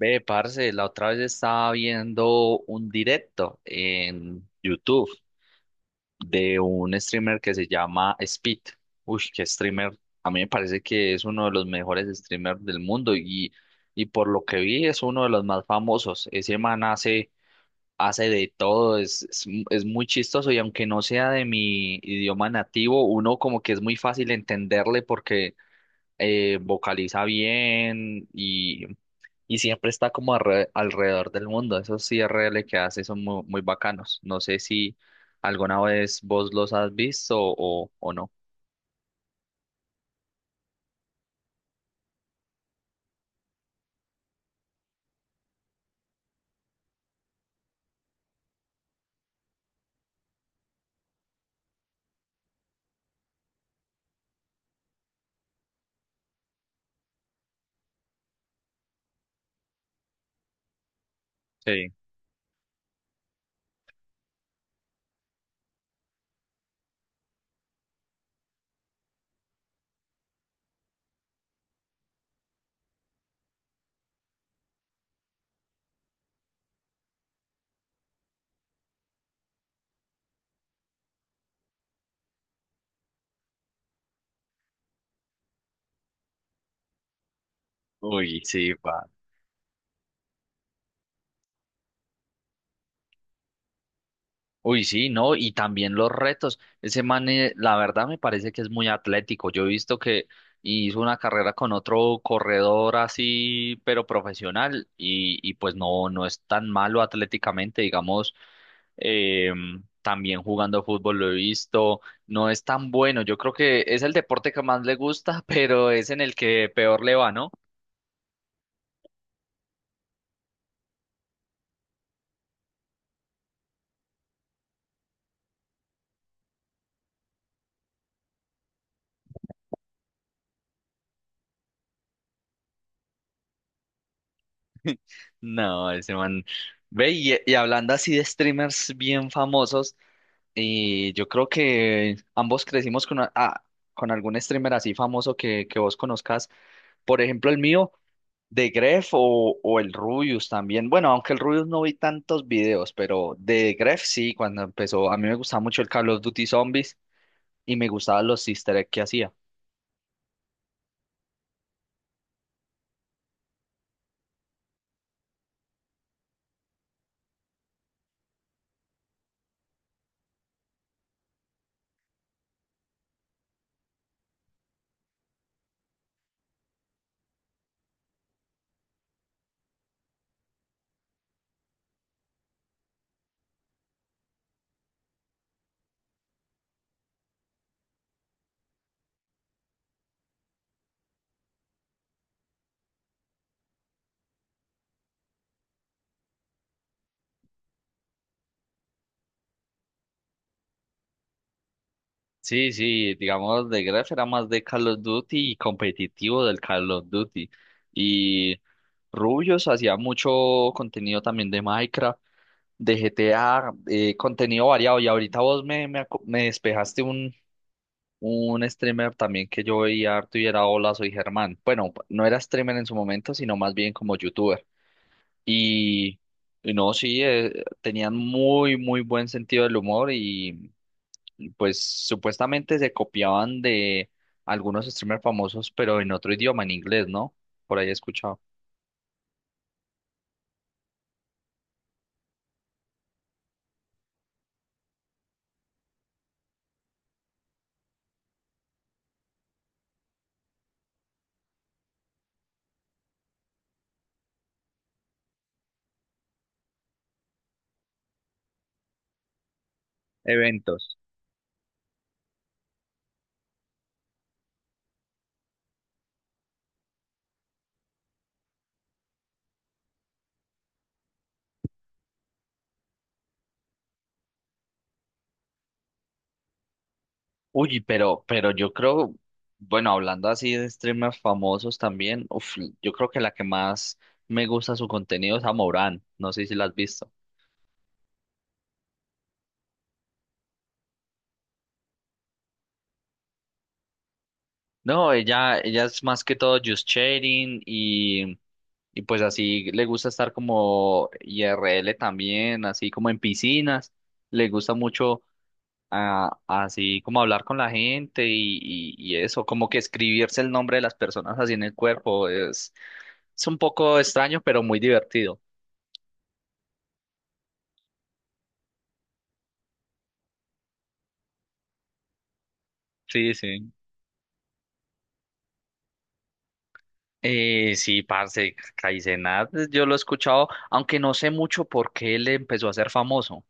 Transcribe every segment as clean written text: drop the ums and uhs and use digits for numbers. Ve, parce, la otra vez estaba viendo un directo en YouTube de un streamer que se llama Speed. Uy, qué streamer. A mí me parece que es uno de los mejores streamers del mundo y por lo que vi es uno de los más famosos. Ese man hace de todo, es muy chistoso y aunque no sea de mi idioma nativo, uno como que es muy fácil entenderle porque vocaliza bien y siempre está como alrededor del mundo. Esos IRL que hace son muy, muy bacanos. No sé si alguna vez vos los has visto o no. Sí. Uy, sí, va. Uy, sí, no, y también los retos. Ese man, la verdad me parece que es muy atlético. Yo he visto que hizo una carrera con otro corredor así, pero profesional, y pues no es tan malo atléticamente, digamos. También jugando fútbol lo he visto. No es tan bueno. Yo creo que es el deporte que más le gusta, pero es en el que peor le va, ¿no? No, ese man. Ve, y hablando así de streamers bien famosos. Y yo creo que ambos crecimos con, con algún streamer así famoso que vos conozcas. Por ejemplo, el mío, de Gref o el Rubius también. Bueno, aunque el Rubius no vi tantos videos, pero de Gref sí, cuando empezó. A mí me gustaba mucho el Call of Duty Zombies y me gustaban los easter egg que hacía. Sí, sí, digamos, de Gref era más de Call of Duty y competitivo del Call of Duty. Y Rubius hacía mucho contenido también de Minecraft, de GTA, contenido variado. Y ahorita vos me despejaste un streamer también que yo veía harto y era Hola, soy Germán. Bueno, no era streamer en su momento, sino más bien como youtuber. Y y no, sí, tenían muy, muy buen sentido del humor y pues supuestamente se copiaban de algunos streamers famosos, pero en otro idioma, en inglés, ¿no? Por ahí he escuchado. Eventos. Uy, pero yo creo, bueno, hablando así de streamers famosos también, uf, yo creo que la que más me gusta su contenido es a, no sé si la has visto. No, ella es más que todo just chatting y pues así le gusta estar como IRL también, así como en piscinas, le gusta mucho así como hablar con la gente y eso, como que escribirse el nombre de las personas así en el cuerpo es un poco extraño, pero muy divertido. Sí, sí. Sí, parce, Caicenat, yo lo he escuchado, aunque no sé mucho por qué él empezó a ser famoso.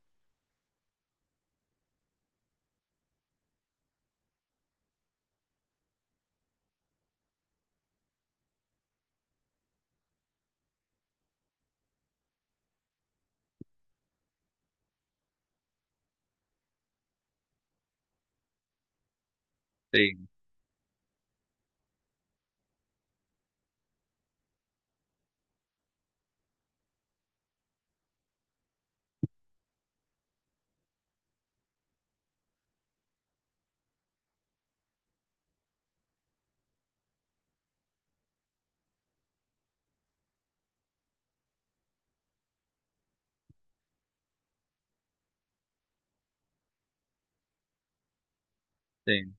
Sí, sí.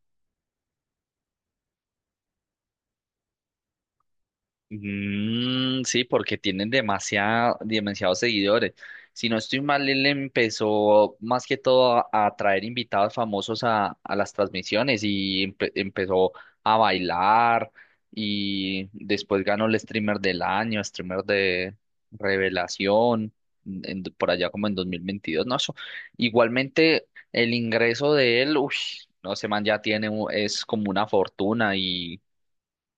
Mm, sí, porque tienen demasiados seguidores. Si no estoy mal, él empezó más que todo a traer invitados famosos a las transmisiones y empezó a bailar y después ganó el streamer del año, streamer de revelación, por allá como en 2022, ¿no? Eso. Igualmente, el ingreso de él, uff, no, ese man ya tiene, es como una fortuna,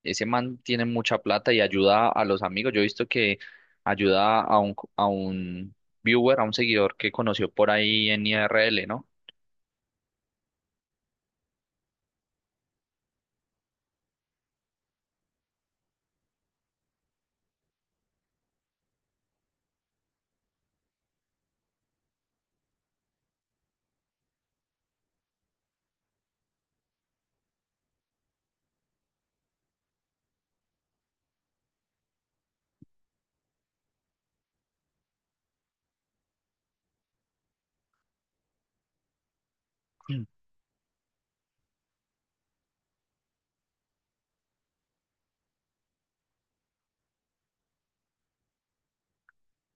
ese man tiene mucha plata y ayuda a los amigos. Yo he visto que ayuda a a un viewer, a un seguidor que conoció por ahí en IRL, ¿no?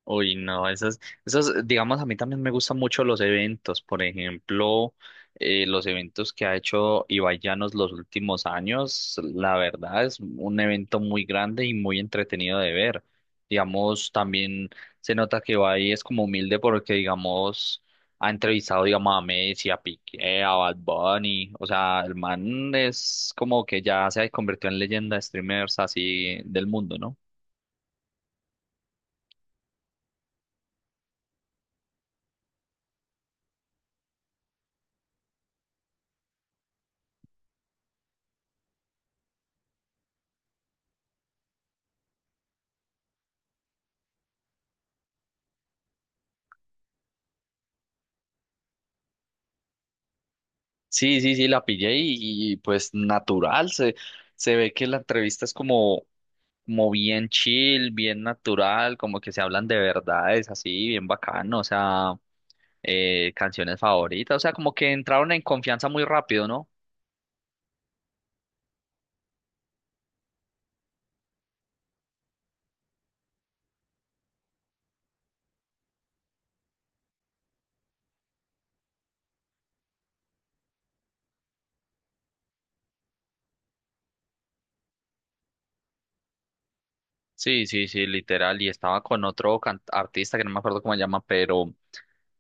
Uy, no, esas, digamos, a mí también me gustan mucho los eventos, por ejemplo, los eventos que ha hecho Ibai Llanos los últimos años, la verdad es un evento muy grande y muy entretenido de ver. Digamos, también se nota que Ibai es como humilde porque, digamos, ha entrevistado, digamos, a Messi, a Piqué, a Bad Bunny, o sea, el man es como que ya se ha convertido en leyenda de streamers así del mundo, ¿no? Sí, sí, sí, la pillé pues natural, se ve que la entrevista es como, como bien chill, bien natural, como que se hablan de verdades, así, bien bacano, o sea, canciones favoritas, o sea, como que entraron en confianza muy rápido, ¿no? Sí, sí, sí, literal, y estaba con otro artista que no me acuerdo cómo se llama, pero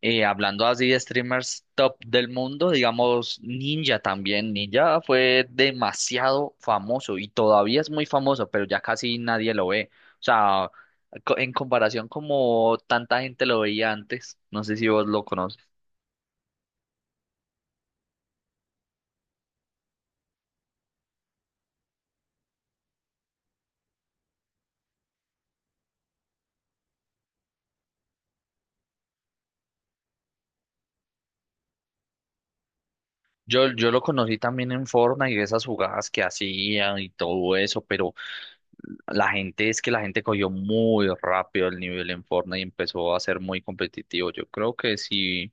hablando así de streamers top del mundo, digamos Ninja también. Ninja fue demasiado famoso y todavía es muy famoso, pero ya casi nadie lo ve. O sea, en comparación como tanta gente lo veía antes, no sé si vos lo conoces. Yo lo conocí también en Fortnite y esas jugadas que hacían y todo eso, pero la gente es que la gente cogió muy rápido el nivel en Fortnite y empezó a ser muy competitivo. Yo creo que sí.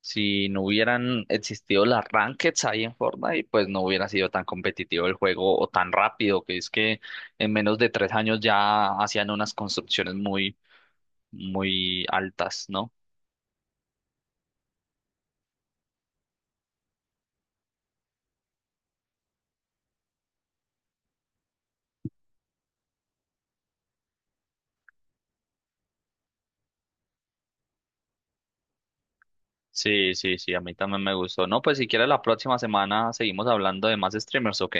Si no hubieran existido las rankeds ahí en Fortnite, pues no hubiera sido tan competitivo el juego o tan rápido, que es que en menos de 3 años ya hacían unas construcciones muy, muy altas, ¿no? Sí, sí, sí, a mí también me gustó. No, pues si quieres la próxima semana seguimos hablando de más streamers, ¿ok?